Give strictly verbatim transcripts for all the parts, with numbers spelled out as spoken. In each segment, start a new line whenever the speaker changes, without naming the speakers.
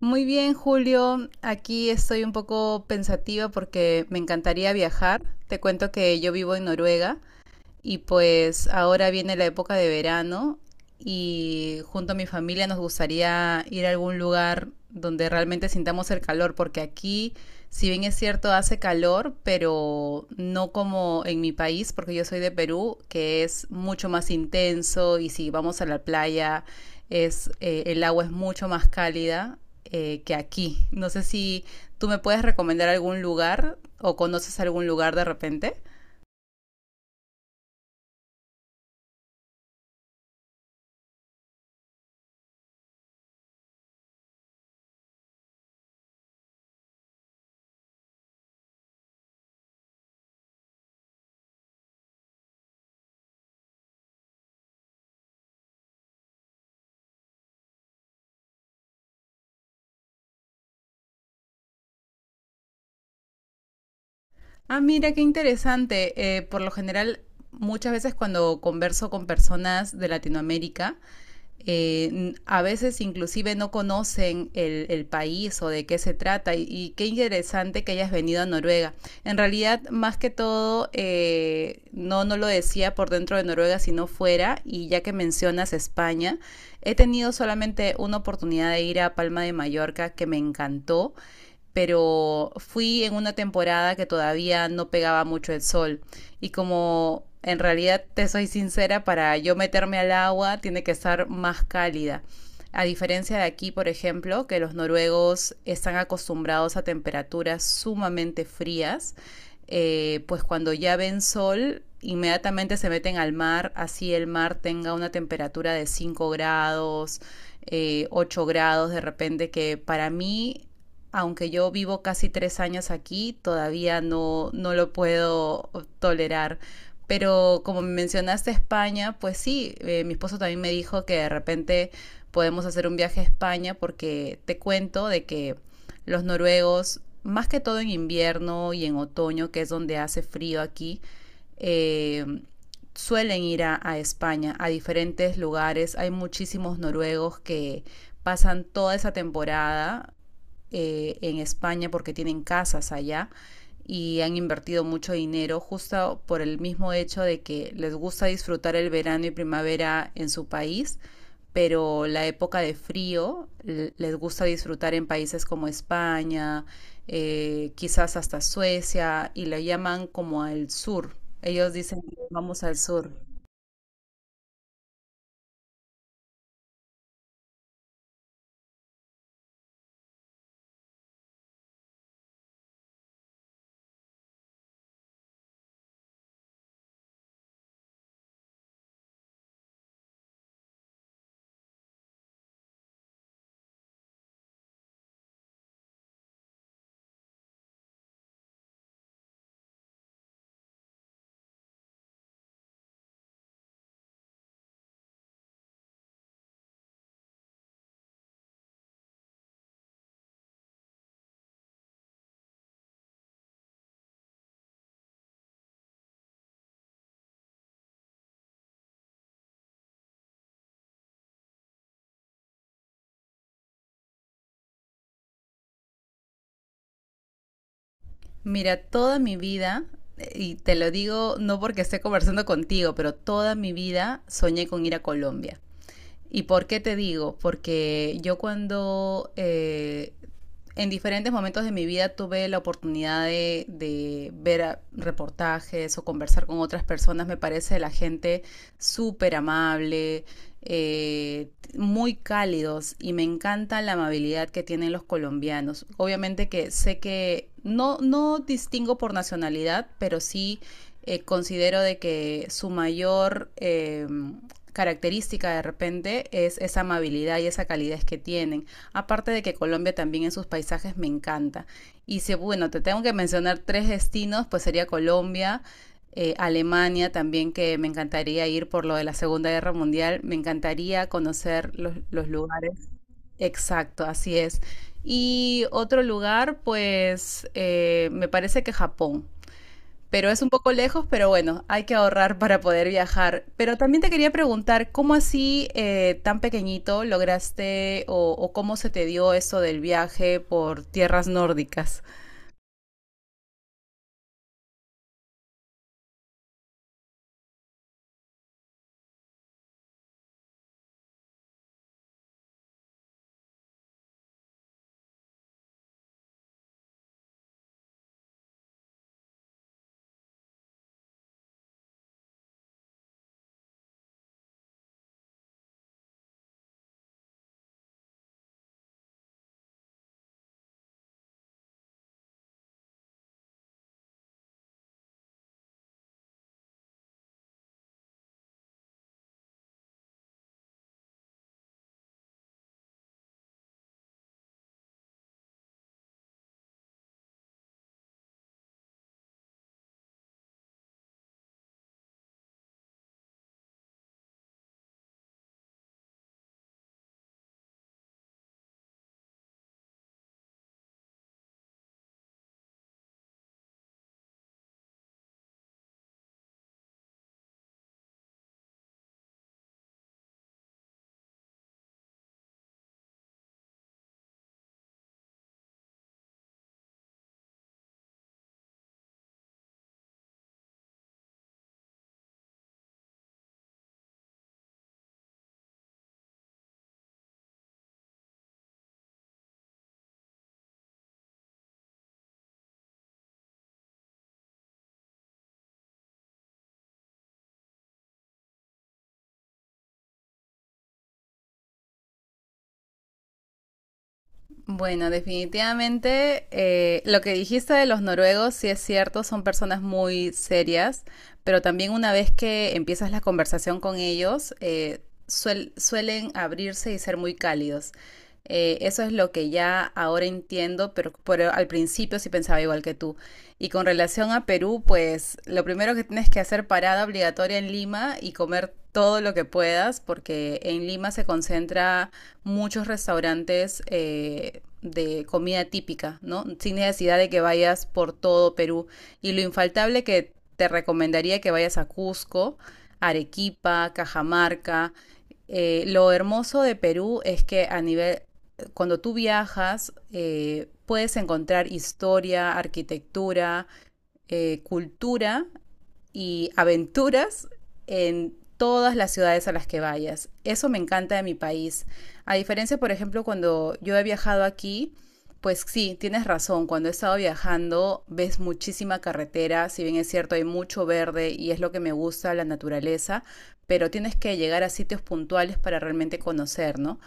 Muy bien, Julio. Aquí estoy un poco pensativa porque me encantaría viajar. Te cuento que yo vivo en Noruega y pues ahora viene la época de verano y junto a mi familia nos gustaría ir a algún lugar donde realmente sintamos el calor, porque aquí, si bien es cierto, hace calor, pero no como en mi país, porque yo soy de Perú, que es mucho más intenso y si vamos a la playa, es, eh, el agua es mucho más cálida eh, que aquí. No sé si tú me puedes recomendar algún lugar o conoces algún lugar de repente. Ah, mira, qué interesante. Eh, por lo general, muchas veces cuando converso con personas de Latinoamérica, eh, n- a veces inclusive no conocen el, el país o de qué se trata y, y qué interesante que hayas venido a Noruega. En realidad, más que todo, eh, no, no lo decía por dentro de Noruega, sino fuera, y ya que mencionas España, he tenido solamente una oportunidad de ir a Palma de Mallorca que me encantó, pero fui en una temporada que todavía no pegaba mucho el sol y, como en realidad te soy sincera, para yo meterme al agua tiene que estar más cálida. A diferencia de aquí, por ejemplo, que los noruegos están acostumbrados a temperaturas sumamente frías, eh, pues cuando ya ven sol, inmediatamente se meten al mar, así el mar tenga una temperatura de cinco grados, eh, 8 grados de repente, que para mí, aunque yo vivo casi tres años aquí, todavía no, no lo puedo tolerar. Pero como mencionaste España, pues sí, eh, mi esposo también me dijo que de repente podemos hacer un viaje a España, porque te cuento de que los noruegos, más que todo en invierno y en otoño, que es donde hace frío aquí, eh, suelen ir a, a, España, a diferentes lugares. Hay muchísimos noruegos que pasan toda esa temporada eh, en España porque tienen casas allá y han invertido mucho dinero justo por el mismo hecho de que les gusta disfrutar el verano y primavera en su país, pero la época de frío les gusta disfrutar en países como España, eh, quizás hasta Suecia, y lo llaman como al sur. Ellos dicen, vamos al sur. Mira, toda mi vida, eh, y te lo digo no porque esté conversando contigo, pero toda mi vida soñé con ir a Colombia. ¿Y por qué te digo? Porque yo cuando eh, en diferentes momentos de mi vida tuve la oportunidad de, de ver a- reportajes o conversar con otras personas. Me parece la gente súper amable, eh, muy cálidos, y me encanta la amabilidad que tienen los colombianos. Obviamente que sé que no, no distingo por nacionalidad, pero sí, eh, considero de que su mayor eh, característica de repente es esa amabilidad y esa calidez que tienen. Aparte de que Colombia también en sus paisajes me encanta. Y si, bueno, te tengo que mencionar tres destinos, pues sería Colombia, eh, Alemania también, que me encantaría ir por lo de la Segunda Guerra Mundial, me encantaría conocer los, los lugares. Exacto, así es. Y otro lugar, pues eh, me parece que Japón, pero es un poco lejos, pero bueno, hay que ahorrar para poder viajar. Pero también te quería preguntar, ¿cómo así eh, tan pequeñito lograste o, o cómo se te dio eso del viaje por tierras nórdicas? Bueno, definitivamente eh, lo que dijiste de los noruegos, sí es cierto, son personas muy serias, pero también una vez que empiezas la conversación con ellos, eh, suel- suelen abrirse y ser muy cálidos. Eh, eso es lo que ya ahora entiendo, pero, pero al principio sí pensaba igual que tú. Y con relación a Perú, pues lo primero que tienes que hacer, parada obligatoria en Lima y comer todo lo que puedas, porque en Lima se concentra muchos restaurantes eh, de comida típica, ¿no? Sin necesidad de que vayas por todo Perú. Y lo infaltable que te recomendaría que vayas a Cusco, Arequipa, Cajamarca. Eh, lo hermoso de Perú es que, a nivel, cuando tú viajas, eh, puedes encontrar historia, arquitectura, eh, cultura y aventuras en todas las ciudades a las que vayas. Eso me encanta de mi país. A diferencia, por ejemplo, cuando yo he viajado aquí, pues sí, tienes razón, cuando he estado viajando ves muchísima carretera, si bien es cierto hay mucho verde y es lo que me gusta, la naturaleza, pero tienes que llegar a sitios puntuales para realmente conocer, ¿no?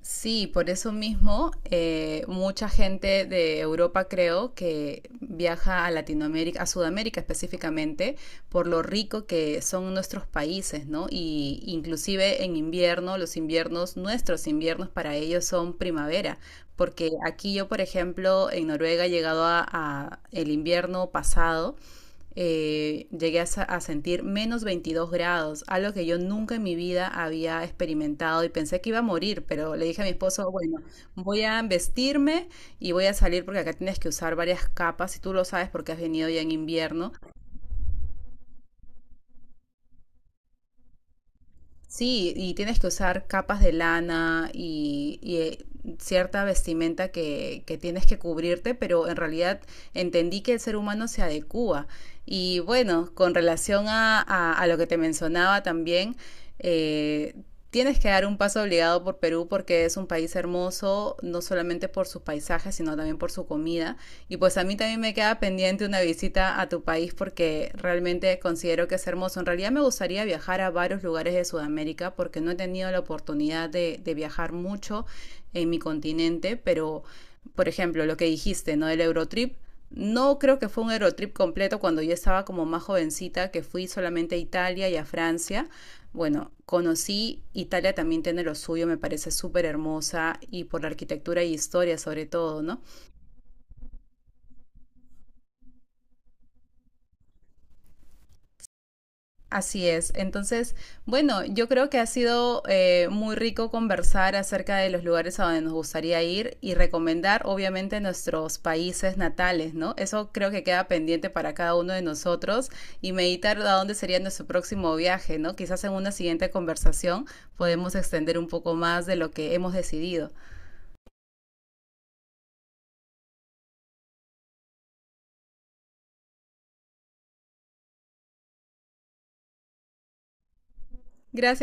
Sí, por eso mismo, eh, mucha gente de Europa creo que viaja a Latinoamérica, a Sudamérica específicamente, por lo rico que son nuestros países, ¿no? Y inclusive en invierno, los inviernos, nuestros inviernos para ellos son primavera, porque aquí yo, por ejemplo, en Noruega he llegado a, a el invierno pasado, eh, llegué a, a, sentir menos veintidós grados, algo que yo nunca en mi vida había experimentado, y pensé que iba a morir, pero le dije a mi esposo, bueno, voy a vestirme y voy a salir, porque acá tienes que usar varias capas y tú lo sabes porque has venido ya en invierno. Sí, y tienes que usar capas de lana y, y, eh, cierta vestimenta que, que tienes que cubrirte, pero en realidad entendí que el ser humano se adecúa. Y bueno, con relación a, a- a lo que te mencionaba también, eh, tienes que dar un paso obligado por Perú porque es un país hermoso, no solamente por sus paisajes, sino también por su comida. Y pues a mí también me queda pendiente una visita a tu país, porque realmente considero que es hermoso. En realidad me gustaría viajar a varios lugares de Sudamérica porque no he tenido la oportunidad de, de viajar mucho en mi continente, pero, por ejemplo, lo que dijiste, ¿no? Del Eurotrip. No creo que fue un Eurotrip completo cuando yo estaba como más jovencita, que fui solamente a Italia y a Francia. Bueno, conocí Italia, también tiene lo suyo, me parece súper hermosa, y por la arquitectura y historia sobre todo, ¿no? Así es. Entonces, bueno, yo creo que ha sido eh, muy rico conversar acerca de los lugares a donde nos gustaría ir y recomendar, obviamente, nuestros países natales, ¿no? Eso creo que queda pendiente para cada uno de nosotros y meditar a dónde sería nuestro próximo viaje, ¿no? Quizás en una siguiente conversación podemos extender un poco más de lo que hemos decidido. Gracias.